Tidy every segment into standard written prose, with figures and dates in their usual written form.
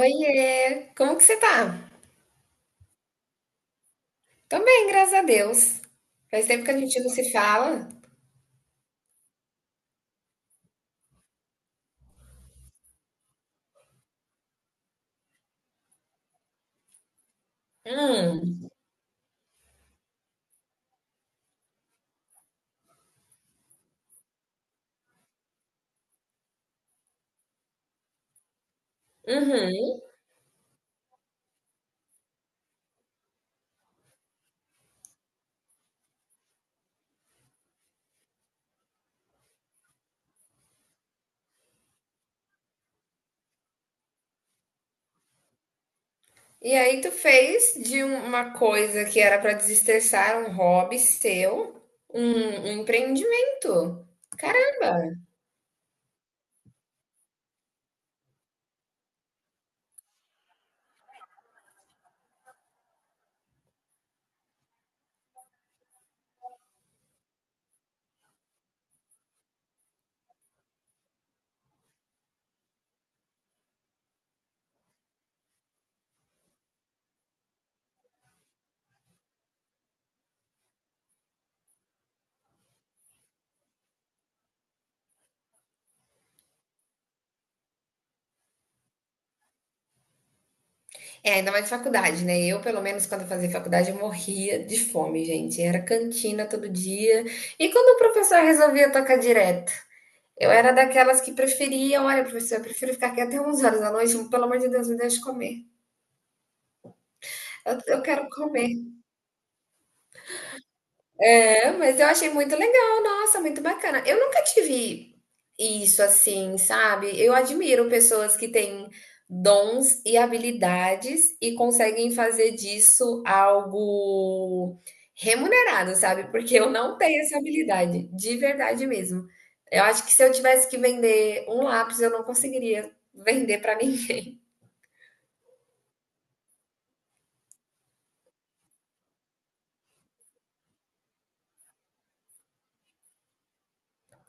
Oiê, como que você tá? Tô bem, graças a Deus. Faz tempo que a gente não se fala. Hum, uhum. E aí tu fez de uma coisa que era pra desestressar, um hobby seu, um, um empreendimento. Caramba! É, ainda mais faculdade, né? Eu, pelo menos, quando eu fazia faculdade, eu morria de fome, gente. Era cantina todo dia. E quando o professor resolvia tocar direto? Eu era daquelas que preferiam, olha, professor, eu prefiro ficar aqui até 11 horas da noite, pelo amor de Deus, me deixe comer. Eu quero comer. É, mas eu achei muito legal, nossa, muito bacana. Eu nunca tive isso assim, sabe? Eu admiro pessoas que têm dons e habilidades e conseguem fazer disso algo remunerado, sabe? Porque eu não tenho essa habilidade, de verdade mesmo. Eu acho que se eu tivesse que vender um lápis, eu não conseguiria vender para ninguém.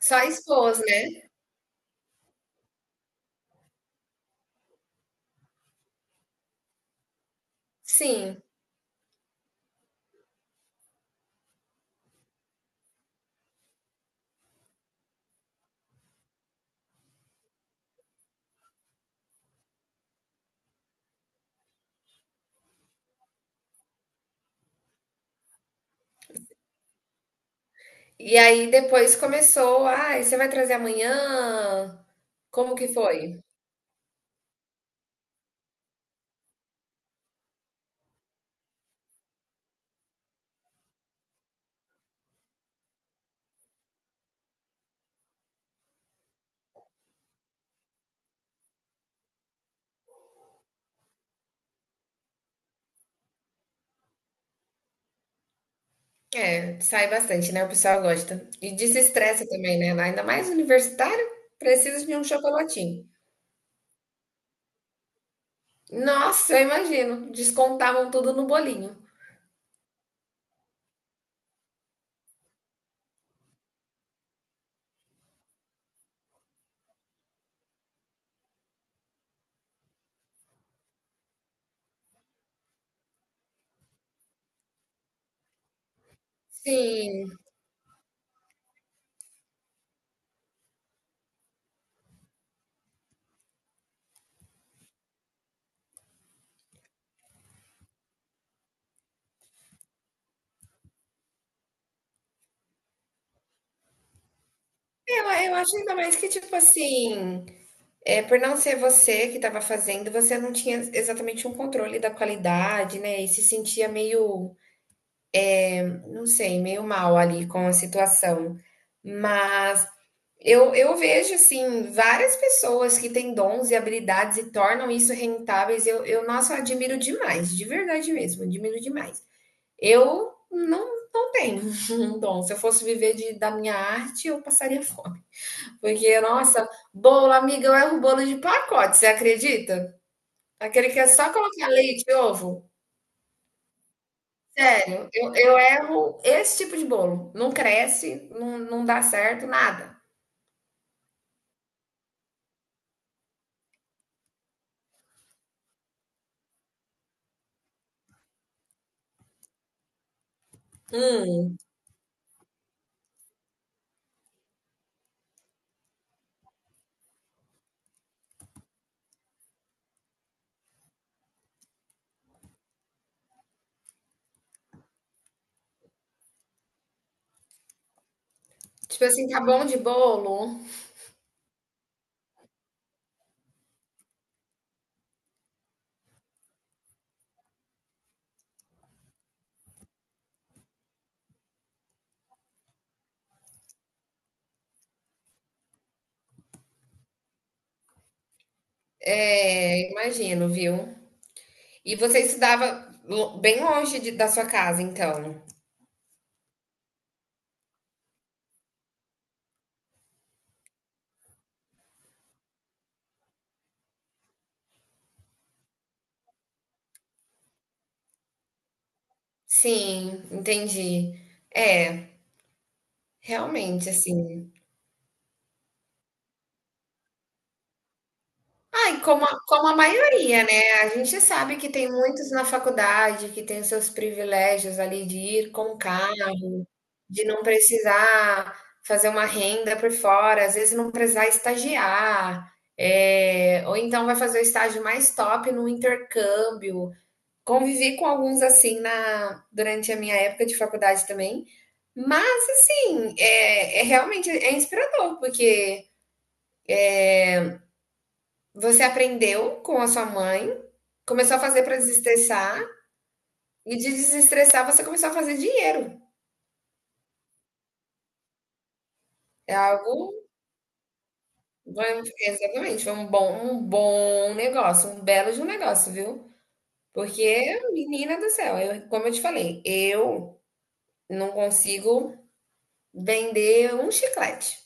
Só expôs, né? Sim. E aí depois começou, ah, você vai trazer amanhã? Como que foi? É, sai bastante, né? O pessoal gosta. E desestressa também, né? Ainda mais universitário, precisa de um chocolatinho. Nossa, eu imagino. Descontavam tudo no bolinho. Sim. Eu acho ainda mais que, tipo assim, é, por não ser você que estava fazendo, você não tinha exatamente um controle da qualidade, né? E se sentia meio não sei, meio mal ali com a situação. Mas eu vejo, assim, várias pessoas que têm dons e habilidades e tornam isso rentáveis. Eu nossa, eu admiro demais, de verdade mesmo, admiro demais. Eu não, não tenho um dom. Se eu fosse viver da minha arte, eu passaria fome. Porque, nossa, bolo, amiga, eu erro bolo de pacote, você acredita? Aquele que é só colocar leite e ovo. Sério, eu erro esse tipo de bolo. Não cresce, não, não dá certo, nada. Hum, tipo assim, tá bom de bolo? É, imagino, viu? E você estudava bem longe da sua casa, então. Sim, entendi. É, realmente, assim. Ai, como a maioria, né? A gente sabe que tem muitos na faculdade que tem os seus privilégios ali de ir com carro. De não precisar fazer uma renda por fora, às vezes não precisar estagiar, é, ou então vai fazer o estágio mais top no intercâmbio. Convivi com alguns assim na, durante a minha época de faculdade também, mas sim, é, é realmente é inspirador, porque você aprendeu com a sua mãe, começou a fazer para desestressar, e de desestressar você começou a fazer dinheiro. É algo vai um exatamente, foi um bom negócio, um belo de um negócio, viu. Porque, menina do céu, eu como eu te falei, eu não consigo vender um chiclete,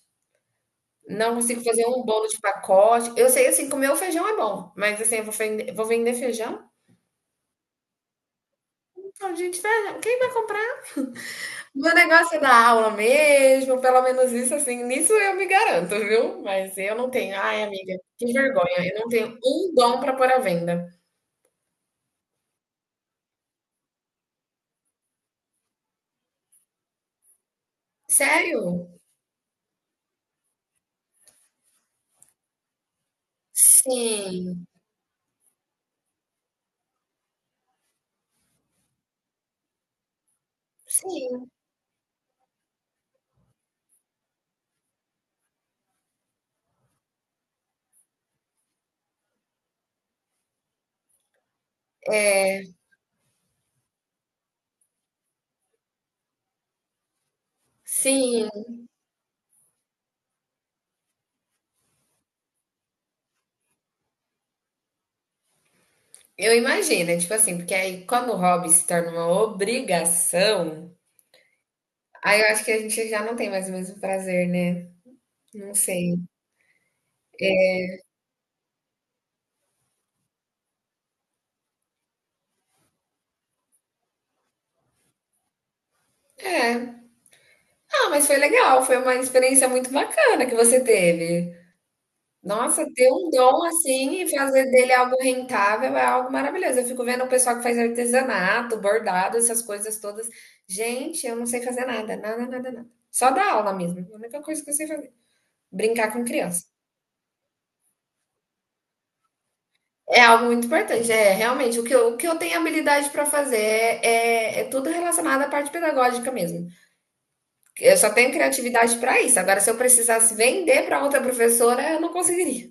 não consigo fazer um bolo de pacote. Eu sei, assim, comer o feijão é bom, mas, assim, eu vou vender feijão? Então, gente, feijão quem vai comprar? Meu negócio é dar aula mesmo, pelo menos isso, assim, nisso eu me garanto, viu. Mas eu não tenho ai, amiga, que vergonha, eu não tenho um dom para pôr à venda. Sério. Sim, sim, sim. Eu imagino, é tipo assim, porque aí quando o hobby se torna uma obrigação, aí eu acho que a gente já não tem mais o mesmo prazer, né? Não sei. É. Ah, mas foi legal, foi uma experiência muito bacana que você teve. Nossa, ter um dom assim e fazer dele algo rentável é algo maravilhoso. Eu fico vendo o pessoal que faz artesanato, bordado, essas coisas todas. Gente, eu não sei fazer nada, nada, nada, nada. Só dar aula mesmo. É a única coisa que eu sei fazer. Brincar com criança. É algo muito importante, é realmente o que eu tenho habilidade para fazer é, é, é tudo relacionado à parte pedagógica mesmo. Eu só tenho criatividade para isso. Agora, se eu precisasse vender para outra professora, eu não conseguiria.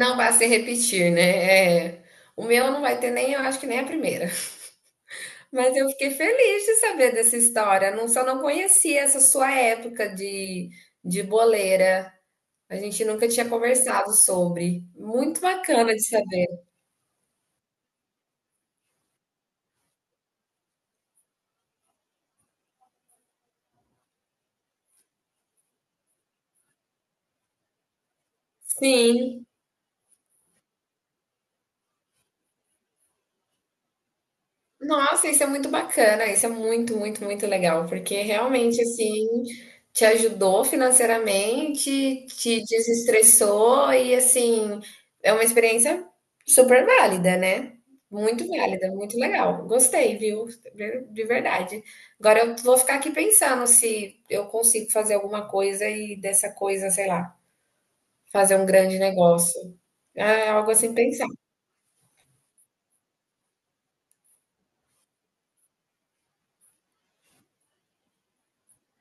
Não vai se repetir, né? É, o meu não vai ter nem, eu acho que nem a primeira. Mas eu fiquei feliz de saber dessa história. Não, só não conhecia essa sua época de boleira. A gente nunca tinha conversado sobre. Muito bacana de saber. Sim. Nossa, isso é muito bacana, isso é muito, muito, muito legal, porque realmente assim te ajudou financeiramente, te desestressou e assim é uma experiência super válida, né? Muito válida, muito legal. Gostei, viu? De verdade. Agora eu vou ficar aqui pensando se eu consigo fazer alguma coisa e dessa coisa, sei lá, fazer um grande negócio. É algo assim pensar.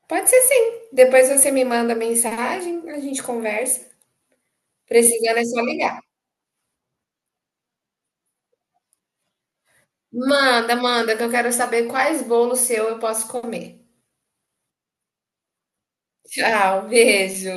Pode ser sim. Depois você me manda mensagem, a gente conversa. Precisando é só ligar. Manda, manda, que eu quero saber quais bolos seu eu posso comer. Tchau, beijo.